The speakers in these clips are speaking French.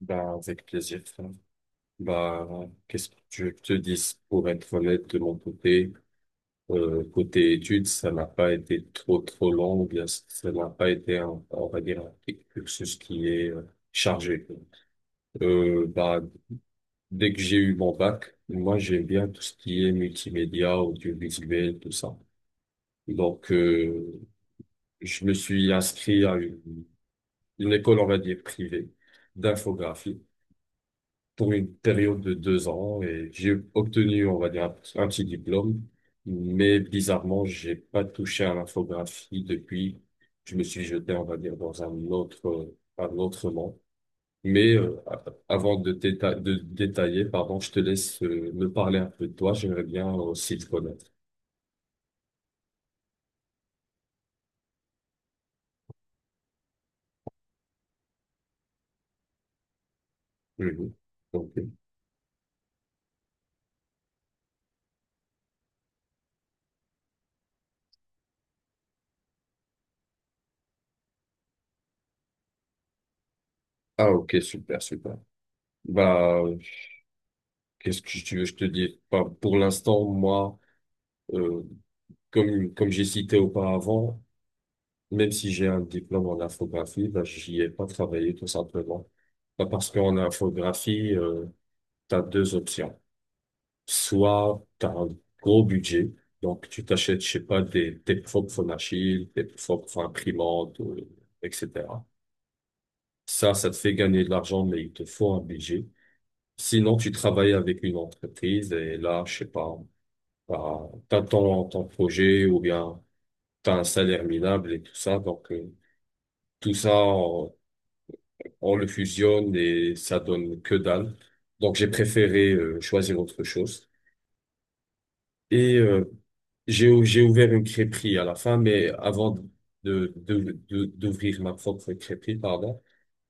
Bah, avec plaisir, frère. Bah, qu'est-ce que tu veux que je te dise? Pour être honnête, de mon côté, côté études, ça n'a pas été trop, trop long, ou bien ça n'a pas été, un, on va dire, un cursus qui est chargé. Bah, dès que j'ai eu mon bac, moi, j'aime bien tout ce qui est multimédia, audiovisuel, tout ça. Donc, je me suis inscrit à une école, on va dire, privée d'infographie, pour une période de deux ans et j'ai obtenu, on va dire, un petit diplôme. Mais bizarrement, j'ai pas touché à l'infographie depuis. Je me suis jeté, on va dire, dans un autre monde. Mais avant de détailler, pardon, je te laisse me parler un peu de toi. J'aimerais bien aussi te connaître. Mhm. Ok. Ah, ok, super, super. Bah, qu'est-ce que tu veux, je te dis? Bah, pour l'instant, moi, euh, comme j'ai cité auparavant, même si j'ai un diplôme en infographie, bah, j'y ai pas travaillé tout simplement. Bah, parce qu'en infographie, tu as deux options. Soit tu as un gros budget, donc tu t'achètes, je sais pas, des, tes propres phonachiles, tes propres imprimantes, etc. Ça te fait gagner de l'argent, mais il te faut un budget. Sinon, tu travailles avec une entreprise et là, je sais pas, bah, t'as ton projet ou bien t'as un salaire minable et tout ça. Donc, tout ça, on le fusionne et ça donne que dalle. Donc j'ai préféré choisir autre chose. Et j'ai ouvert une crêperie à la fin, mais avant d'ouvrir ma propre crêperie, pardon,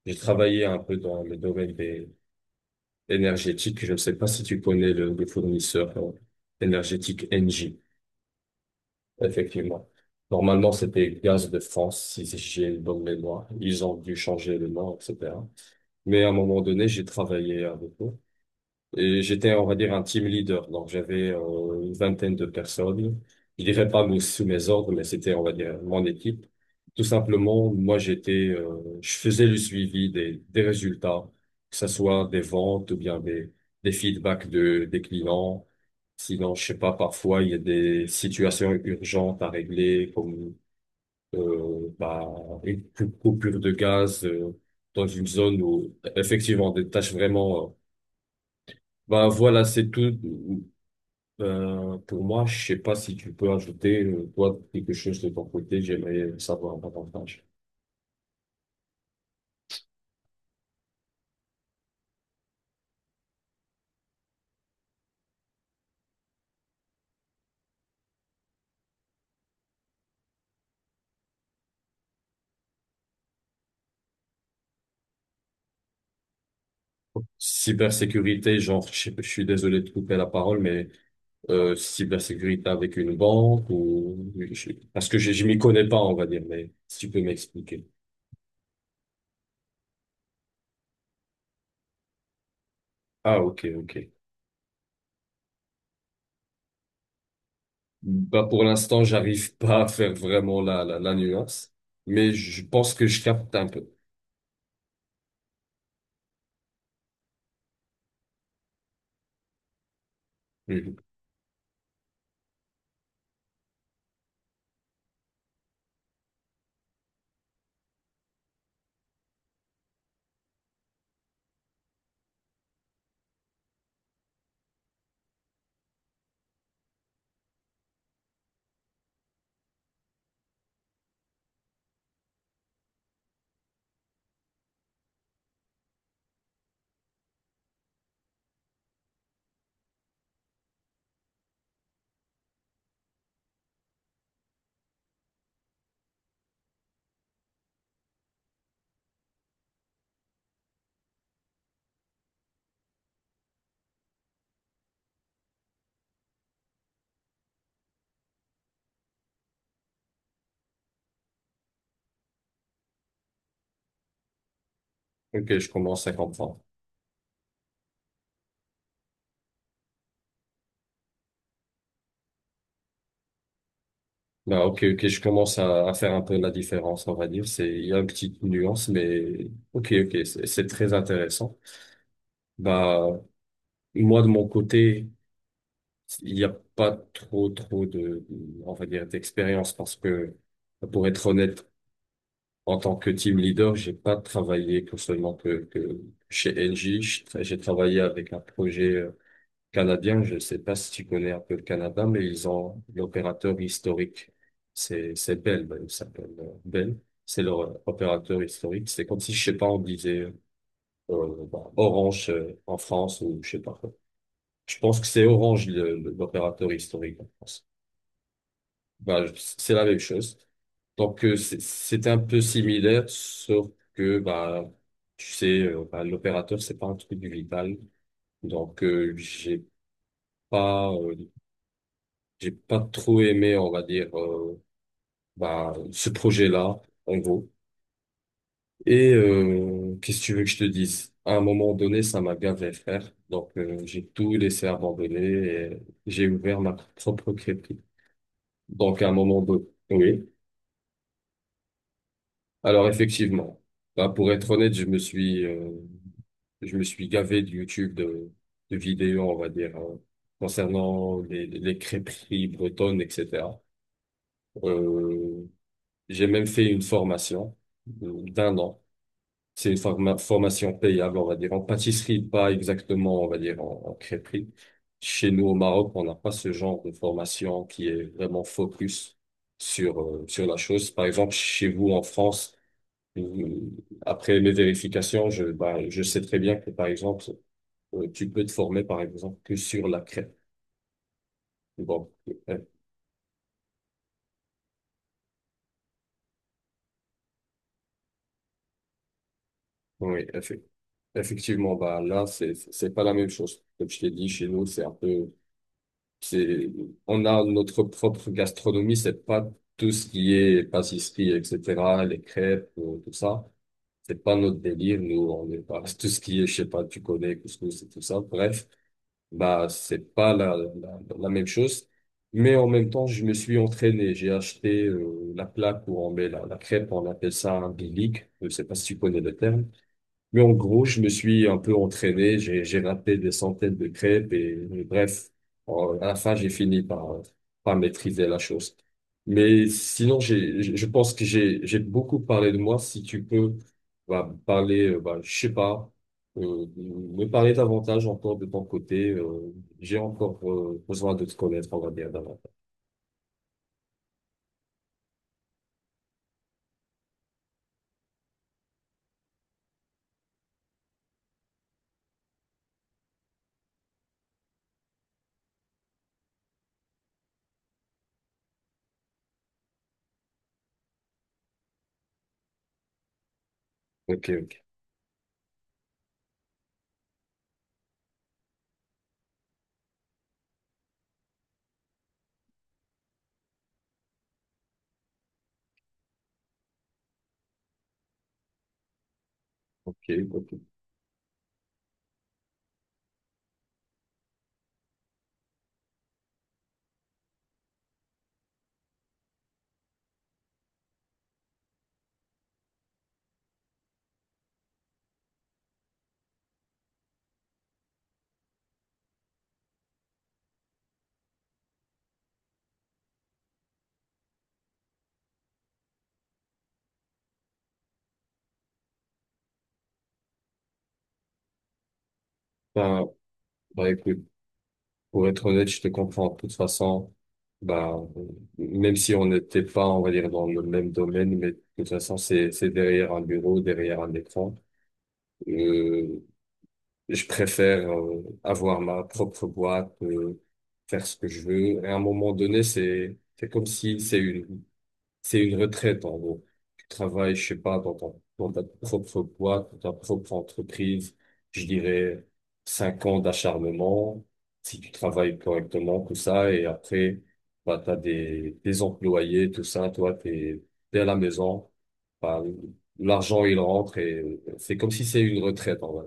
j'ai travaillé un peu dans le domaine des énergétiques. Je ne sais pas si tu connais le fournisseur énergétique Engie, effectivement. Normalement, c'était Gaz de France, si j'ai une bonne mémoire. Ils ont dû changer le nom, etc. Mais à un moment donné, j'ai travaillé avec eux. Et j'étais, on va dire, un team leader. Donc, j'avais une vingtaine de personnes. Je dirais pas sous mes ordres, mais c'était, on va dire, mon équipe. Tout simplement, moi, j'étais, je faisais le suivi des résultats, que ce soit des ventes ou bien des feedbacks de, des clients. Sinon, je sais pas, parfois, il y a des situations urgentes à régler, comme bah, une coupure de gaz dans une zone où, effectivement, des tâches vraiment. Bah voilà, c'est tout. Ben, pour moi, je sais pas si tu peux ajouter, toi, quelque chose de ton côté. J'aimerais savoir davantage. Cybersécurité, genre, je, sais pas, je suis désolé de couper la parole, mais cybersécurité avec une banque ou... Parce que je m'y connais pas, on va dire, mais si tu peux m'expliquer. Ah, ok, ok. Bah, pour l'instant, j'arrive pas à faire vraiment la nuance, mais je pense que je capte un peu. Mhm. Ok, je commence à comprendre. Bah, ok, ok, je commence à faire un peu la différence, on va dire. Il y a une petite nuance, mais ok, ok, c'est très intéressant. Bah, moi, de mon côté, il n'y a pas trop, trop de, on va dire, d'expérience parce que, pour être honnête, en tant que team leader, j'ai pas travaillé que seulement que chez NJ. J'ai j'ai travaillé avec un projet canadien, je ne sais pas si tu connais un peu le Canada, mais ils ont l'opérateur historique. C'est Bell, ben, il s'appelle Bell. C'est leur opérateur historique. C'est comme si, je sais pas, on disait bah, Orange en France ou je sais pas quoi. Je pense que c'est Orange l'opérateur historique en France. Bah, c'est la même chose. Donc c'est un peu similaire, sauf que bah tu sais, bah, l'opérateur c'est pas un truc vital. Donc pas euh, J'ai pas trop aimé, on va dire, bah, ce projet-là, en gros. Et qu'est-ce que tu veux que je te dise? À un moment donné, ça m'a gavé, frère. Donc, j'ai tout laissé abandonner et j'ai ouvert ma propre crêperie. Donc, à un moment donné, oui. Alors, effectivement, bah, pour être honnête, je me suis gavé de YouTube, de vidéos, on va dire, hein, concernant les crêperies bretonnes, etc. J'ai même fait une formation d'un an. C'est une formation payable, on va dire, en pâtisserie, pas exactement, on va dire, en crêperie. Chez nous, au Maroc, on n'a pas ce genre de formation qui est vraiment focus sur la chose. Par exemple, chez vous, en France, euh, après mes vérifications, bah, je sais très bien que, par exemple, tu peux te former, par exemple, que sur la crêpe. Bon, euh, oui, effectivement, bah, là, c'est pas la même chose. Comme je t'ai dit, chez nous, c'est un peu. C'est, on a notre propre gastronomie, c'est pas tout ce qui est pâtisserie, etc., les crêpes, tout ça. C'est pas notre délire, nous, on est pas, tout ce qui est, je sais pas, tu connais, couscous et tout ça. Bref, bah, c'est pas la même chose. Mais en même temps, je me suis entraîné. J'ai acheté, la plaque où on met la crêpe, on appelle ça un bilic. Je sais pas si tu connais le terme. Mais en gros, je me suis un peu entraîné, j'ai raté des centaines de crêpes et bref, à la fin, j'ai fini par maîtriser la chose. Mais sinon, j'ai je pense que j'ai beaucoup parlé de moi. Si tu peux bah, parler, bah, je sais pas, me parler davantage encore de ton côté. J'ai encore besoin de te connaître, on va dire davantage. Ok, ok, ok, ok. Bah, bah écoute. Pour être honnête, je te comprends. De toute façon, bah, même si on n'était pas, on va dire, dans le même domaine, mais de toute façon, c'est derrière un bureau, derrière un écran. Euh, je préfère avoir ma propre boîte, faire ce que je veux. Et à un moment donné, c'est comme si c'est une retraite en gros. Tu travailles, je sais pas, dans dans ta propre boîte, dans ta propre entreprise, je dirais cinq ans d'acharnement, si tu travailles correctement, tout ça, et après, bah, t'as des employés, tout ça, toi, t'es à la maison, bah, l'argent, il rentre et c'est comme si c'est une retraite, en vrai.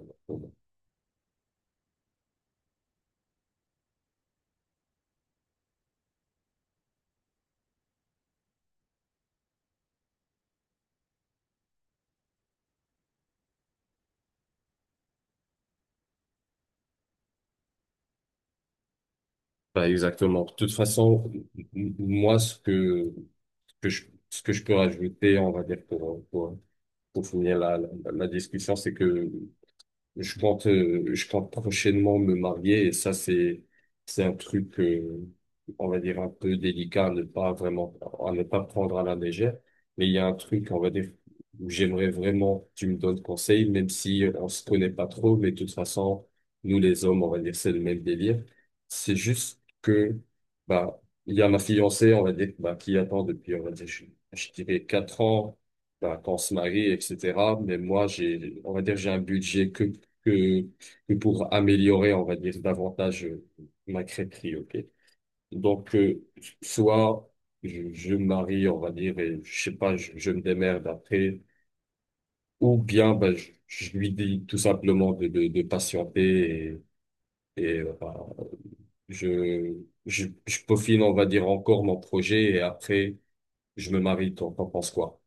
Bah, exactement. De toute façon, moi, que je, ce que je peux rajouter, on va dire, pour finir la discussion, c'est que je compte prochainement me marier et ça, c'est un truc, on va dire, un peu délicat à ne pas prendre à la légère. Mais il y a un truc, on va dire, où j'aimerais vraiment que tu me donnes conseil, même si on se connaît pas trop, mais de toute façon, nous les hommes, on va dire, c'est le même délire. C'est juste que, bah, il y a ma fiancée, on va dire, bah, qui attend depuis, on va dire, je dirais quatre ans bah, qu'on se marie, etc. Mais moi, j'ai, on va dire, j'ai un budget que, que pour améliorer, on va dire, davantage ma crêperie, ok? Donc, soit je me marie, on va dire, et je sais pas, je me démerde après, ou bien ben, je lui dis tout simplement de patienter et ben, je, je peaufine, on va dire, encore mon projet et après, je me marie, t'en penses quoi?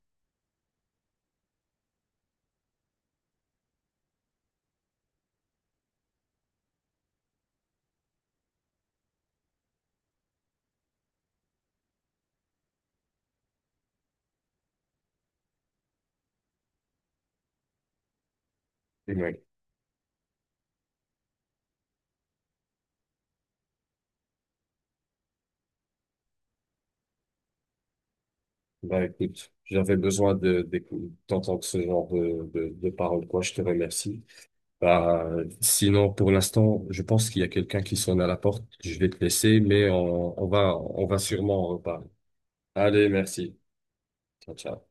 Ouais. Bah écoute, j'avais besoin d'entendre ce genre de paroles, quoi. Je te remercie. Bah, sinon, pour l'instant, je pense qu'il y a quelqu'un qui sonne à la porte. Je vais te laisser, mais on va sûrement en reparler. Allez, merci. Ciao, ciao.